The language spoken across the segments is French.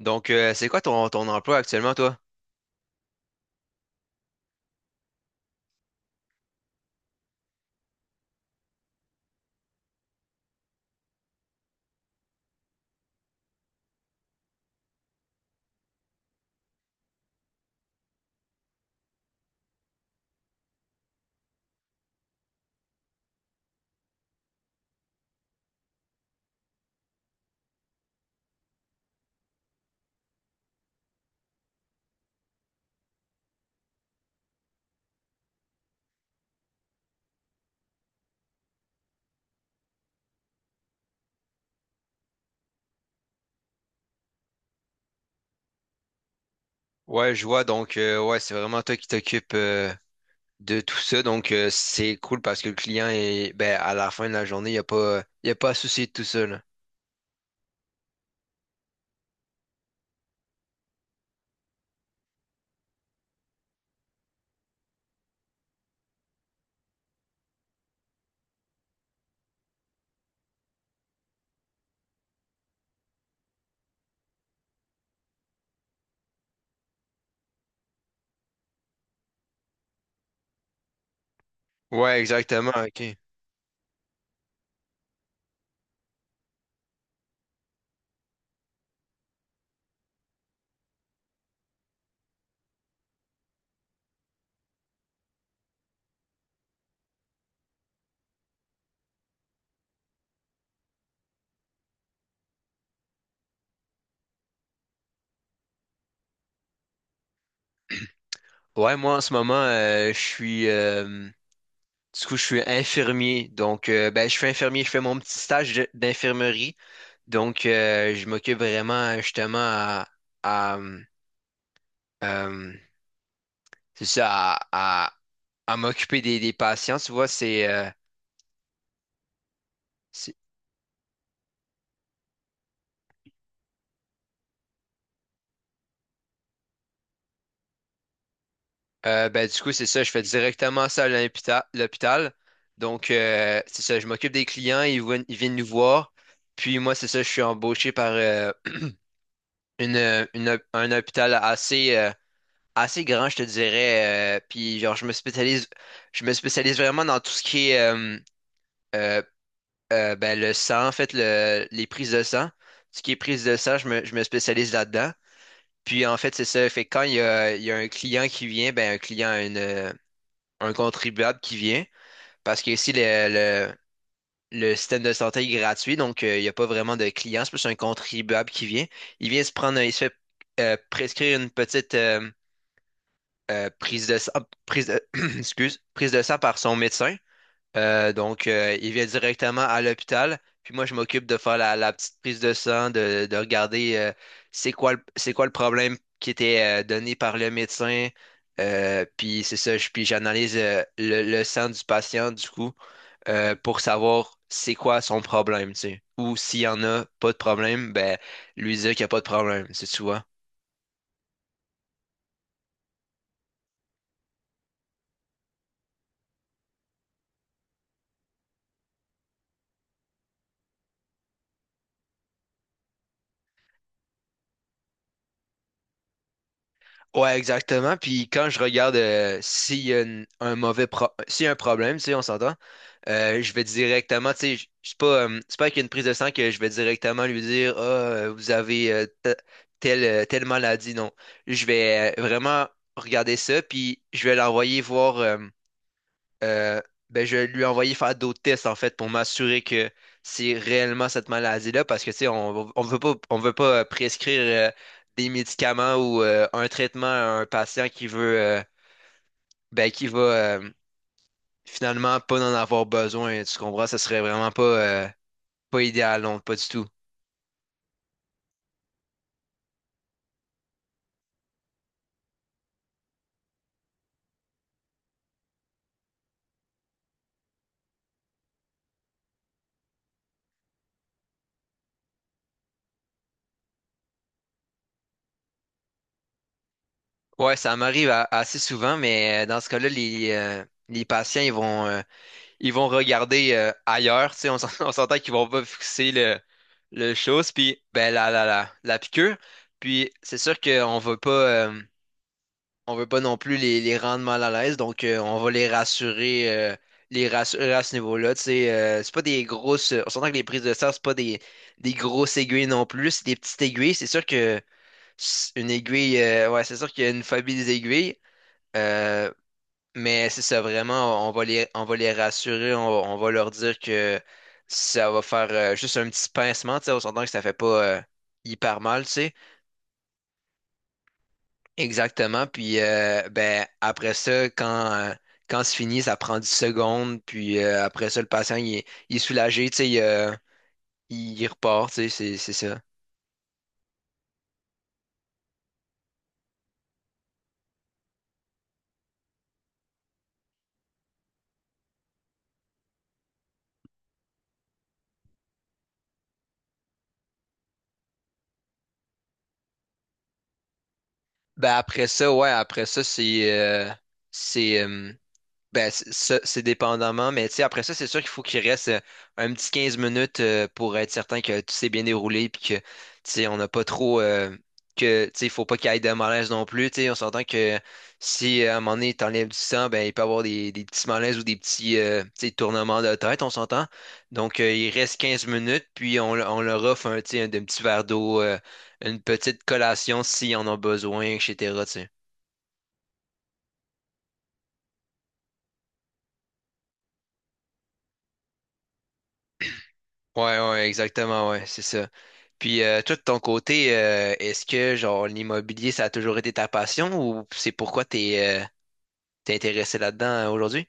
C'est quoi ton emploi actuellement, toi? Ouais, je vois. Donc, ouais, c'est vraiment toi qui t'occupes de tout ça. Donc, c'est cool parce que le client est, ben, à la fin de la journée, il a pas à se soucier de tout ça, là. Ouais, exactement. OK. Ouais, moi, en ce moment, du coup, je suis infirmier. Donc, ben, je suis infirmier. Je fais mon petit stage d'infirmerie. Donc, je m'occupe vraiment, justement, à, euh, c'est ça, à, à, à m'occuper des patients. Tu vois, si. Ben, du coup, c'est ça, je fais directement ça à l'hôpital. Donc, c'est ça, je m'occupe des clients, ils viennent nous voir. Puis moi, c'est ça, je suis embauché par un hôpital assez grand, je te dirais. Puis genre, je me spécialise vraiment dans tout ce qui est euh, ben, le sang, en fait, les prises de sang. Tout ce qui est prise de sang, je me spécialise là-dedans. Puis en fait, c'est ça, fait que quand il y a un client qui vient, un contribuable qui vient, parce que ici, le système de santé est gratuit, donc il n'y a pas vraiment de clients, c'est plus un contribuable qui vient. Il vient se prendre, un- Il se fait prescrire une petite euh, prise de sang, prise de- excuse, prise de sang par son médecin. Donc, il vient directement à l'hôpital. Puis moi, je m'occupe de faire la petite prise de sang, de regarder c'est quoi le problème qui était donné par le médecin. Puis c'est ça, puis j'analyse le sang du patient, du coup, pour savoir c'est quoi son problème, tu sais. Ou s'il y en a pas de problème, ben lui dire qu'il n'y a pas de problème, tu sais, tu vois. Ouais, exactement. Puis quand je regarde s'il y a un problème, tu sais, on s'entend, je vais directement, tu sais, c'est pas avec une prise de sang que je vais directement lui dire, ah, vous avez telle, telle maladie. Non, je vais vraiment regarder ça, puis je vais l'envoyer voir. Euh, ben, je lui ai envoyé faire d'autres tests, en fait, pour m'assurer que c'est réellement cette maladie-là, parce que, tu sais, on veut pas prescrire euh, des médicaments ou un traitement à un patient qui va finalement pas en avoir besoin, tu comprends? Ce serait vraiment pas idéal, non, pas du tout. Ouais, ça m'arrive assez souvent, mais dans ce cas-là, les patients, ils vont regarder ailleurs, tu sais, on s'entend qu'ils vont pas fixer le chose, puis ben la piqûre, puis c'est sûr qu'on veut pas, non plus les rendre mal à l'aise, donc on va les rassurer à ce niveau-là, tu sais, c'est pas des grosses, on s'entend que les prises de sang, c'est pas des grosses aiguilles non plus, c'est des petites aiguilles, c'est sûr que une aiguille, ouais, c'est sûr qu'il y a une famille des aiguilles, euh, mais c'est ça, vraiment, on va les rassurer, on va leur dire que ça va faire juste un petit pincement, tu sais, on s'entend que ça fait pas hyper mal, tu sais. Exactement. Puis ben après ça, quand c'est fini, ça prend 10 secondes, puis après ça, le patient il est soulagé, tu sais, il repart, tu sais, c'est ça. Ben après ça, ouais, après ça, c'est ben, c'est ça, c'est dépendamment, mais tu sais, après ça, c'est sûr qu'il faut qu'il reste un petit 15 minutes pour être certain que tout s'est bien déroulé puis que, tu sais, on n'a pas trop, que, tu sais, il faut pas qu'il y ait de malaise non plus, tu sais, on s'entend que si à un moment donné, t'enlèves du sang, ben, il peut y avoir des petits malaises ou des petits, tu sais, tournements de tête, on s'entend. Donc, il reste 15 minutes, puis on leur offre un, tu sais, un petit verre d'eau, une petite collation si on en a besoin, etc., tu sais. Ouais, ouais, exactement, ouais, c'est ça. Puis toi, de ton côté, est-ce que genre l'immobilier, ça a toujours été ta passion ou c'est pourquoi t'es intéressé là-dedans aujourd'hui?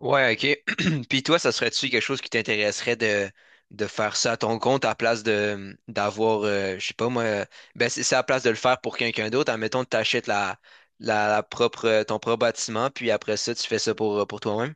Ouais, ok. Puis toi, ça serait-tu quelque chose qui t'intéresserait de faire ça à ton compte à place de d'avoir, je sais pas moi, ben c'est à place de le faire pour quelqu'un d'autre. Admettons, t'achètes ton propre bâtiment, puis après ça, tu fais ça pour toi-même.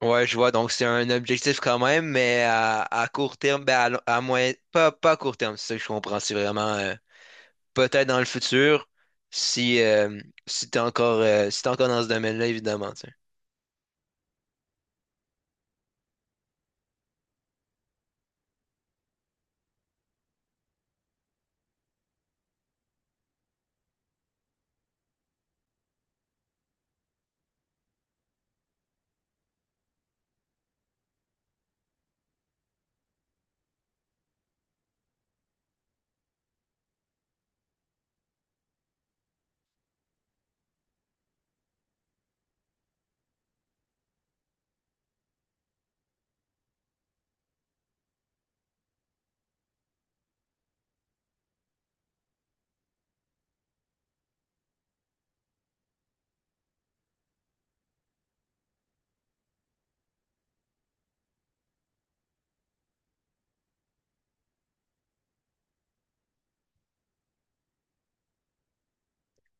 Ouais, je vois. Donc, c'est un objectif quand même, mais à court terme, ben à moyen, pas à court terme, c'est ça que je comprends. C'est vraiment peut-être dans le futur, si, euh, si t'es encore dans ce domaine-là, évidemment. Tu sais.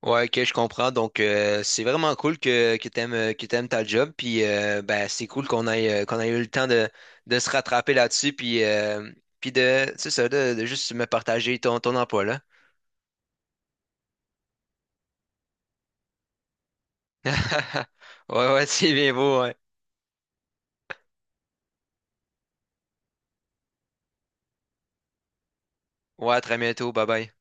Ouais, ok, je comprends. Donc, c'est vraiment cool que t'aimes ta job. Puis, ben, c'est cool qu'on ait eu le temps de se rattraper là-dessus. Puis, puis de, c'est ça, de juste me partager ton emploi là. Ouais, ouais, c'est bien beau. Ouais, ouais, à très bientôt. Bye bye.